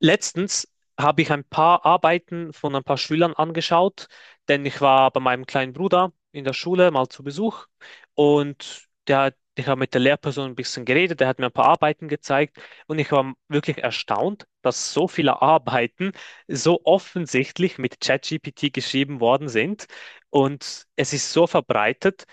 Letztens habe ich ein paar Arbeiten von ein paar Schülern angeschaut, denn ich war bei meinem kleinen Bruder in der Schule mal zu Besuch und ich habe mit der Lehrperson ein bisschen geredet, der hat mir ein paar Arbeiten gezeigt und ich war wirklich erstaunt, dass so viele Arbeiten so offensichtlich mit ChatGPT geschrieben worden sind und es ist so verbreitet,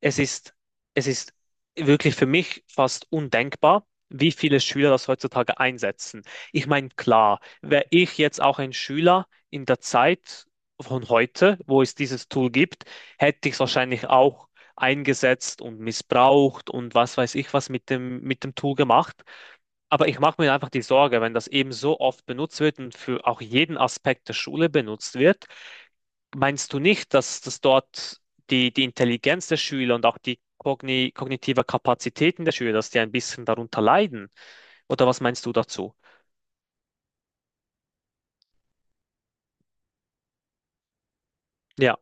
es ist, es ist wirklich für mich fast undenkbar, wie viele Schüler das heutzutage einsetzen. Ich meine, klar, wäre ich jetzt auch ein Schüler in der Zeit von heute, wo es dieses Tool gibt, hätte ich es wahrscheinlich auch eingesetzt und missbraucht und was weiß ich was mit dem Tool gemacht. Aber ich mache mir einfach die Sorge, wenn das eben so oft benutzt wird und für auch jeden Aspekt der Schule benutzt wird, meinst du nicht, dass das dort die Intelligenz der Schüler und auch die kognitive Kapazitäten der Schüler, dass die ein bisschen darunter leiden? Oder was meinst du dazu? Ja.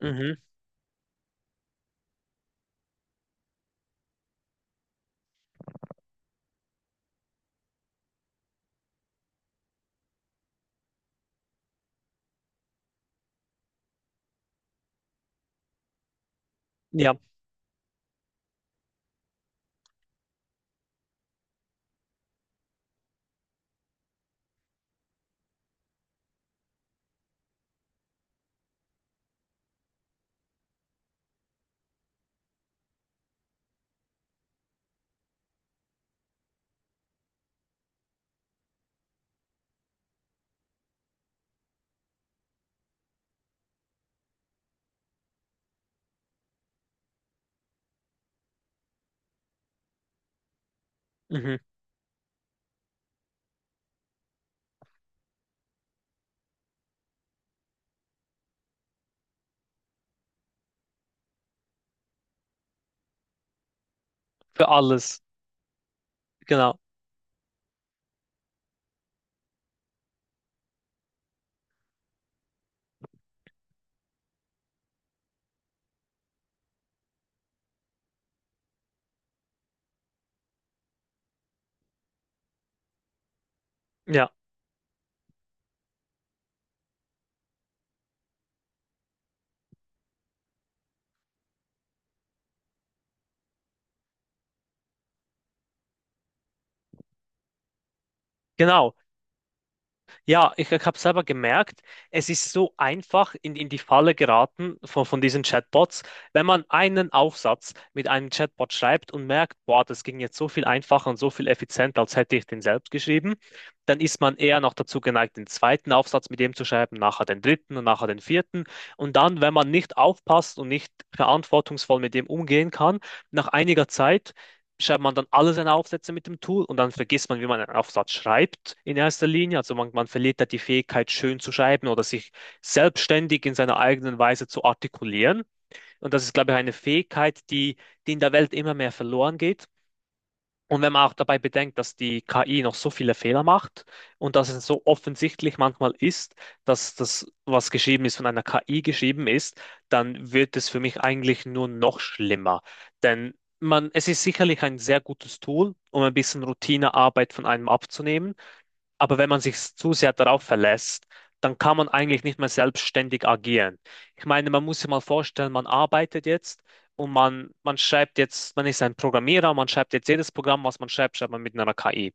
Mhm. Ja. Mhm. Für alles, genau. Ja, genau. Ja, ich habe selber gemerkt, es ist so einfach in die Falle geraten von diesen Chatbots, wenn man einen Aufsatz mit einem Chatbot schreibt und merkt, boah, das ging jetzt so viel einfacher und so viel effizienter, als hätte ich den selbst geschrieben, dann ist man eher noch dazu geneigt, den zweiten Aufsatz mit dem zu schreiben, nachher den dritten und nachher den vierten. Und dann, wenn man nicht aufpasst und nicht verantwortungsvoll mit dem umgehen kann, nach einiger Zeit schreibt man dann alle seine Aufsätze mit dem Tool und dann vergisst man, wie man einen Aufsatz schreibt in erster Linie. Also man verliert da die Fähigkeit, schön zu schreiben oder sich selbstständig in seiner eigenen Weise zu artikulieren. Und das ist, glaube ich, eine Fähigkeit, die in der Welt immer mehr verloren geht. Und wenn man auch dabei bedenkt, dass die KI noch so viele Fehler macht und dass es so offensichtlich manchmal ist, dass das, was geschrieben ist, von einer KI geschrieben ist, dann wird es für mich eigentlich nur noch schlimmer. Denn es ist sicherlich ein sehr gutes Tool, um ein bisschen Routinearbeit von einem abzunehmen, aber wenn man sich zu sehr darauf verlässt, dann kann man eigentlich nicht mehr selbstständig agieren. Ich meine, man muss sich mal vorstellen, man arbeitet jetzt und man schreibt jetzt, man ist ein Programmierer, man schreibt jetzt jedes Programm, was man schreibt, schreibt man mit einer KI.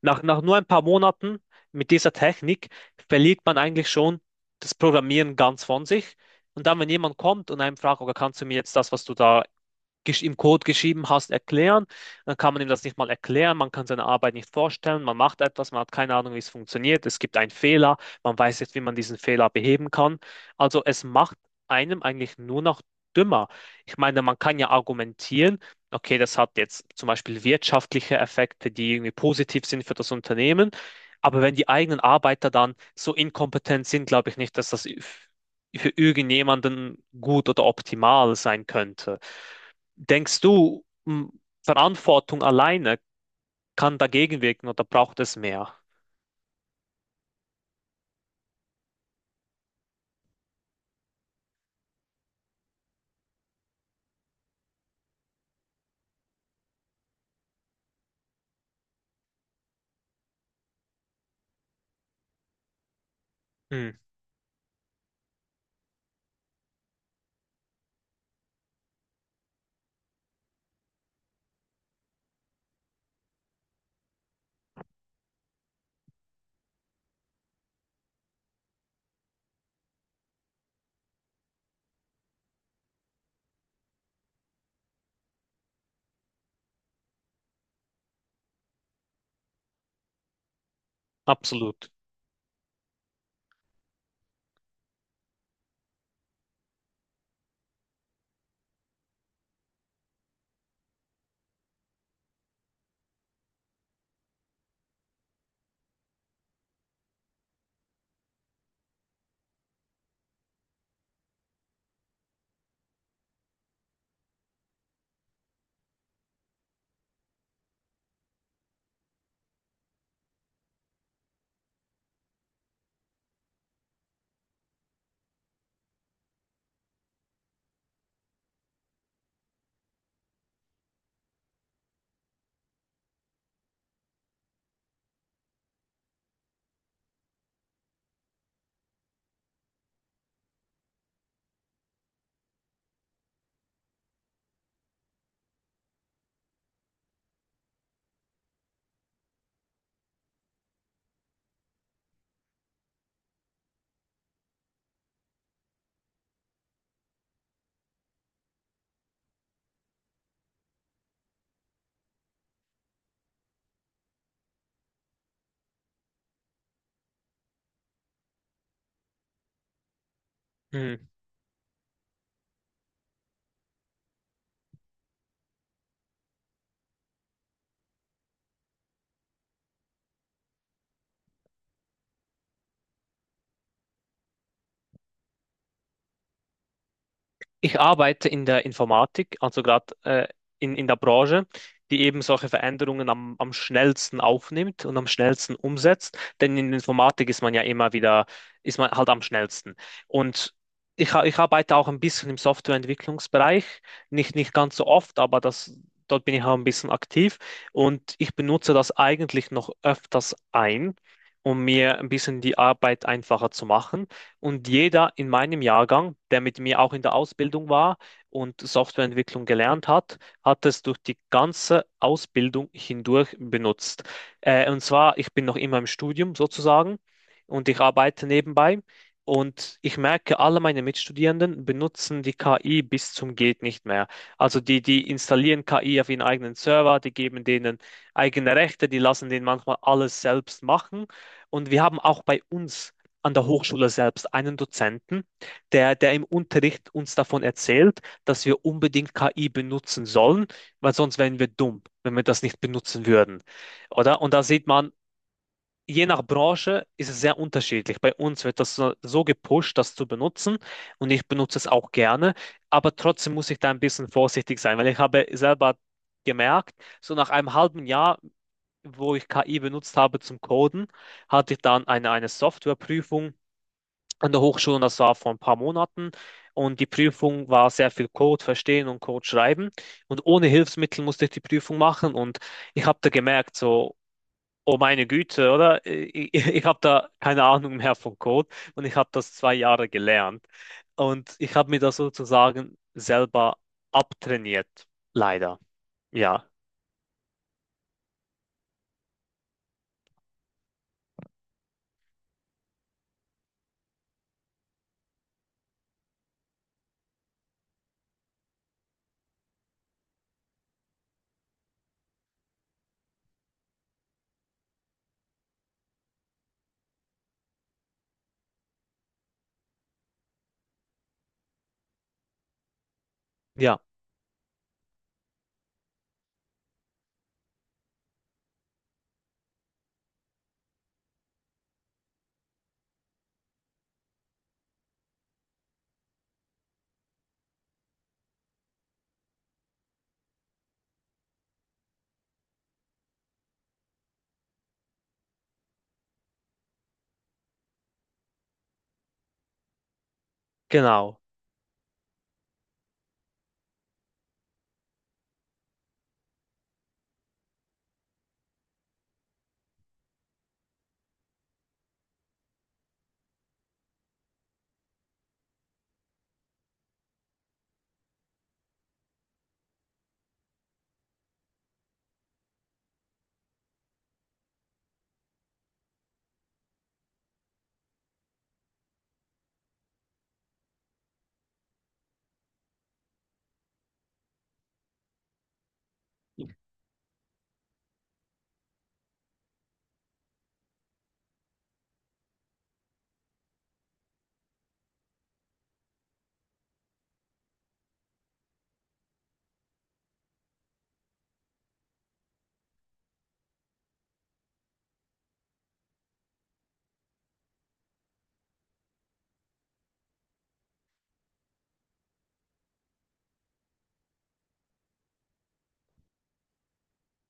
Nach nur ein paar Monaten mit dieser Technik verliert man eigentlich schon das Programmieren ganz von sich. Und dann, wenn jemand kommt und einem fragt, oder kannst du mir jetzt das, was du da im Code geschrieben hast, erklären. Dann kann man ihm das nicht mal erklären, man kann seine Arbeit nicht vorstellen, man macht etwas, man hat keine Ahnung, wie es funktioniert, es gibt einen Fehler, man weiß nicht, wie man diesen Fehler beheben kann. Also es macht einem eigentlich nur noch dümmer. Ich meine, man kann ja argumentieren, okay, das hat jetzt zum Beispiel wirtschaftliche Effekte, die irgendwie positiv sind für das Unternehmen. Aber wenn die eigenen Arbeiter dann so inkompetent sind, glaube ich nicht, dass das für irgendjemanden gut oder optimal sein könnte. Denkst du, Verantwortung alleine kann dagegen wirken oder braucht es mehr? Hm, absolut. Hm. Ich arbeite in der Informatik, also gerade in der Branche, die eben solche Veränderungen am schnellsten aufnimmt und am schnellsten umsetzt. Denn in Informatik ist man ja immer wieder, ist man halt am schnellsten. Und ich arbeite auch ein bisschen im Softwareentwicklungsbereich, nicht ganz so oft, aber dort bin ich auch ein bisschen aktiv. Und ich benutze das eigentlich noch öfters ein, um mir ein bisschen die Arbeit einfacher zu machen. Und jeder in meinem Jahrgang, der mit mir auch in der Ausbildung war und Softwareentwicklung gelernt hat, hat es durch die ganze Ausbildung hindurch benutzt. Und zwar, ich bin noch immer im Studium sozusagen und ich arbeite nebenbei. Und ich merke, alle meine Mitstudierenden benutzen die KI bis zum geht nicht mehr. Also die installieren KI auf ihren eigenen Server, die geben denen eigene Rechte, die lassen denen manchmal alles selbst machen. Und wir haben auch bei uns an der Hochschule selbst einen Dozenten, der im Unterricht uns davon erzählt, dass wir unbedingt KI benutzen sollen, weil sonst wären wir dumm, wenn wir das nicht benutzen würden. Oder? Und da sieht man, je nach Branche ist es sehr unterschiedlich. Bei uns wird das so gepusht, das zu benutzen und ich benutze es auch gerne, aber trotzdem muss ich da ein bisschen vorsichtig sein, weil ich habe selber gemerkt, so nach einem halben Jahr, wo ich KI benutzt habe zum Coden, hatte ich dann eine Softwareprüfung an der Hochschule und das war vor ein paar Monaten. Und die Prüfung war sehr viel Code verstehen und Code schreiben. Und ohne Hilfsmittel musste ich die Prüfung machen. Und ich habe da gemerkt, so, oh meine Güte, oder? Ich habe da keine Ahnung mehr von Code. Und ich habe das 2 Jahre gelernt. Und ich habe mir das sozusagen selber abtrainiert. Leider. Ja, ja, genau.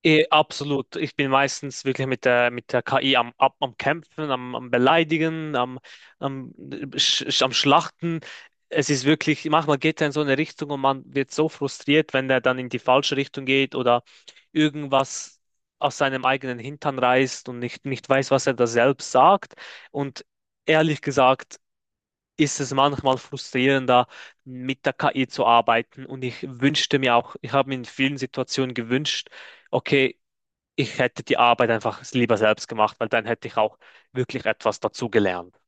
Absolut. Ich bin meistens wirklich mit der KI am Kämpfen, am Beleidigen, am, am Schlachten. Es ist wirklich, manchmal geht er in so eine Richtung und man wird so frustriert, wenn er dann in die falsche Richtung geht oder irgendwas aus seinem eigenen Hintern reißt und nicht weiß, was er da selbst sagt. Und ehrlich gesagt, ist es manchmal frustrierender, mit der KI zu arbeiten. Und ich wünschte mir auch, ich habe mir in vielen Situationen gewünscht, okay, ich hätte die Arbeit einfach lieber selbst gemacht, weil dann hätte ich auch wirklich etwas dazugelernt.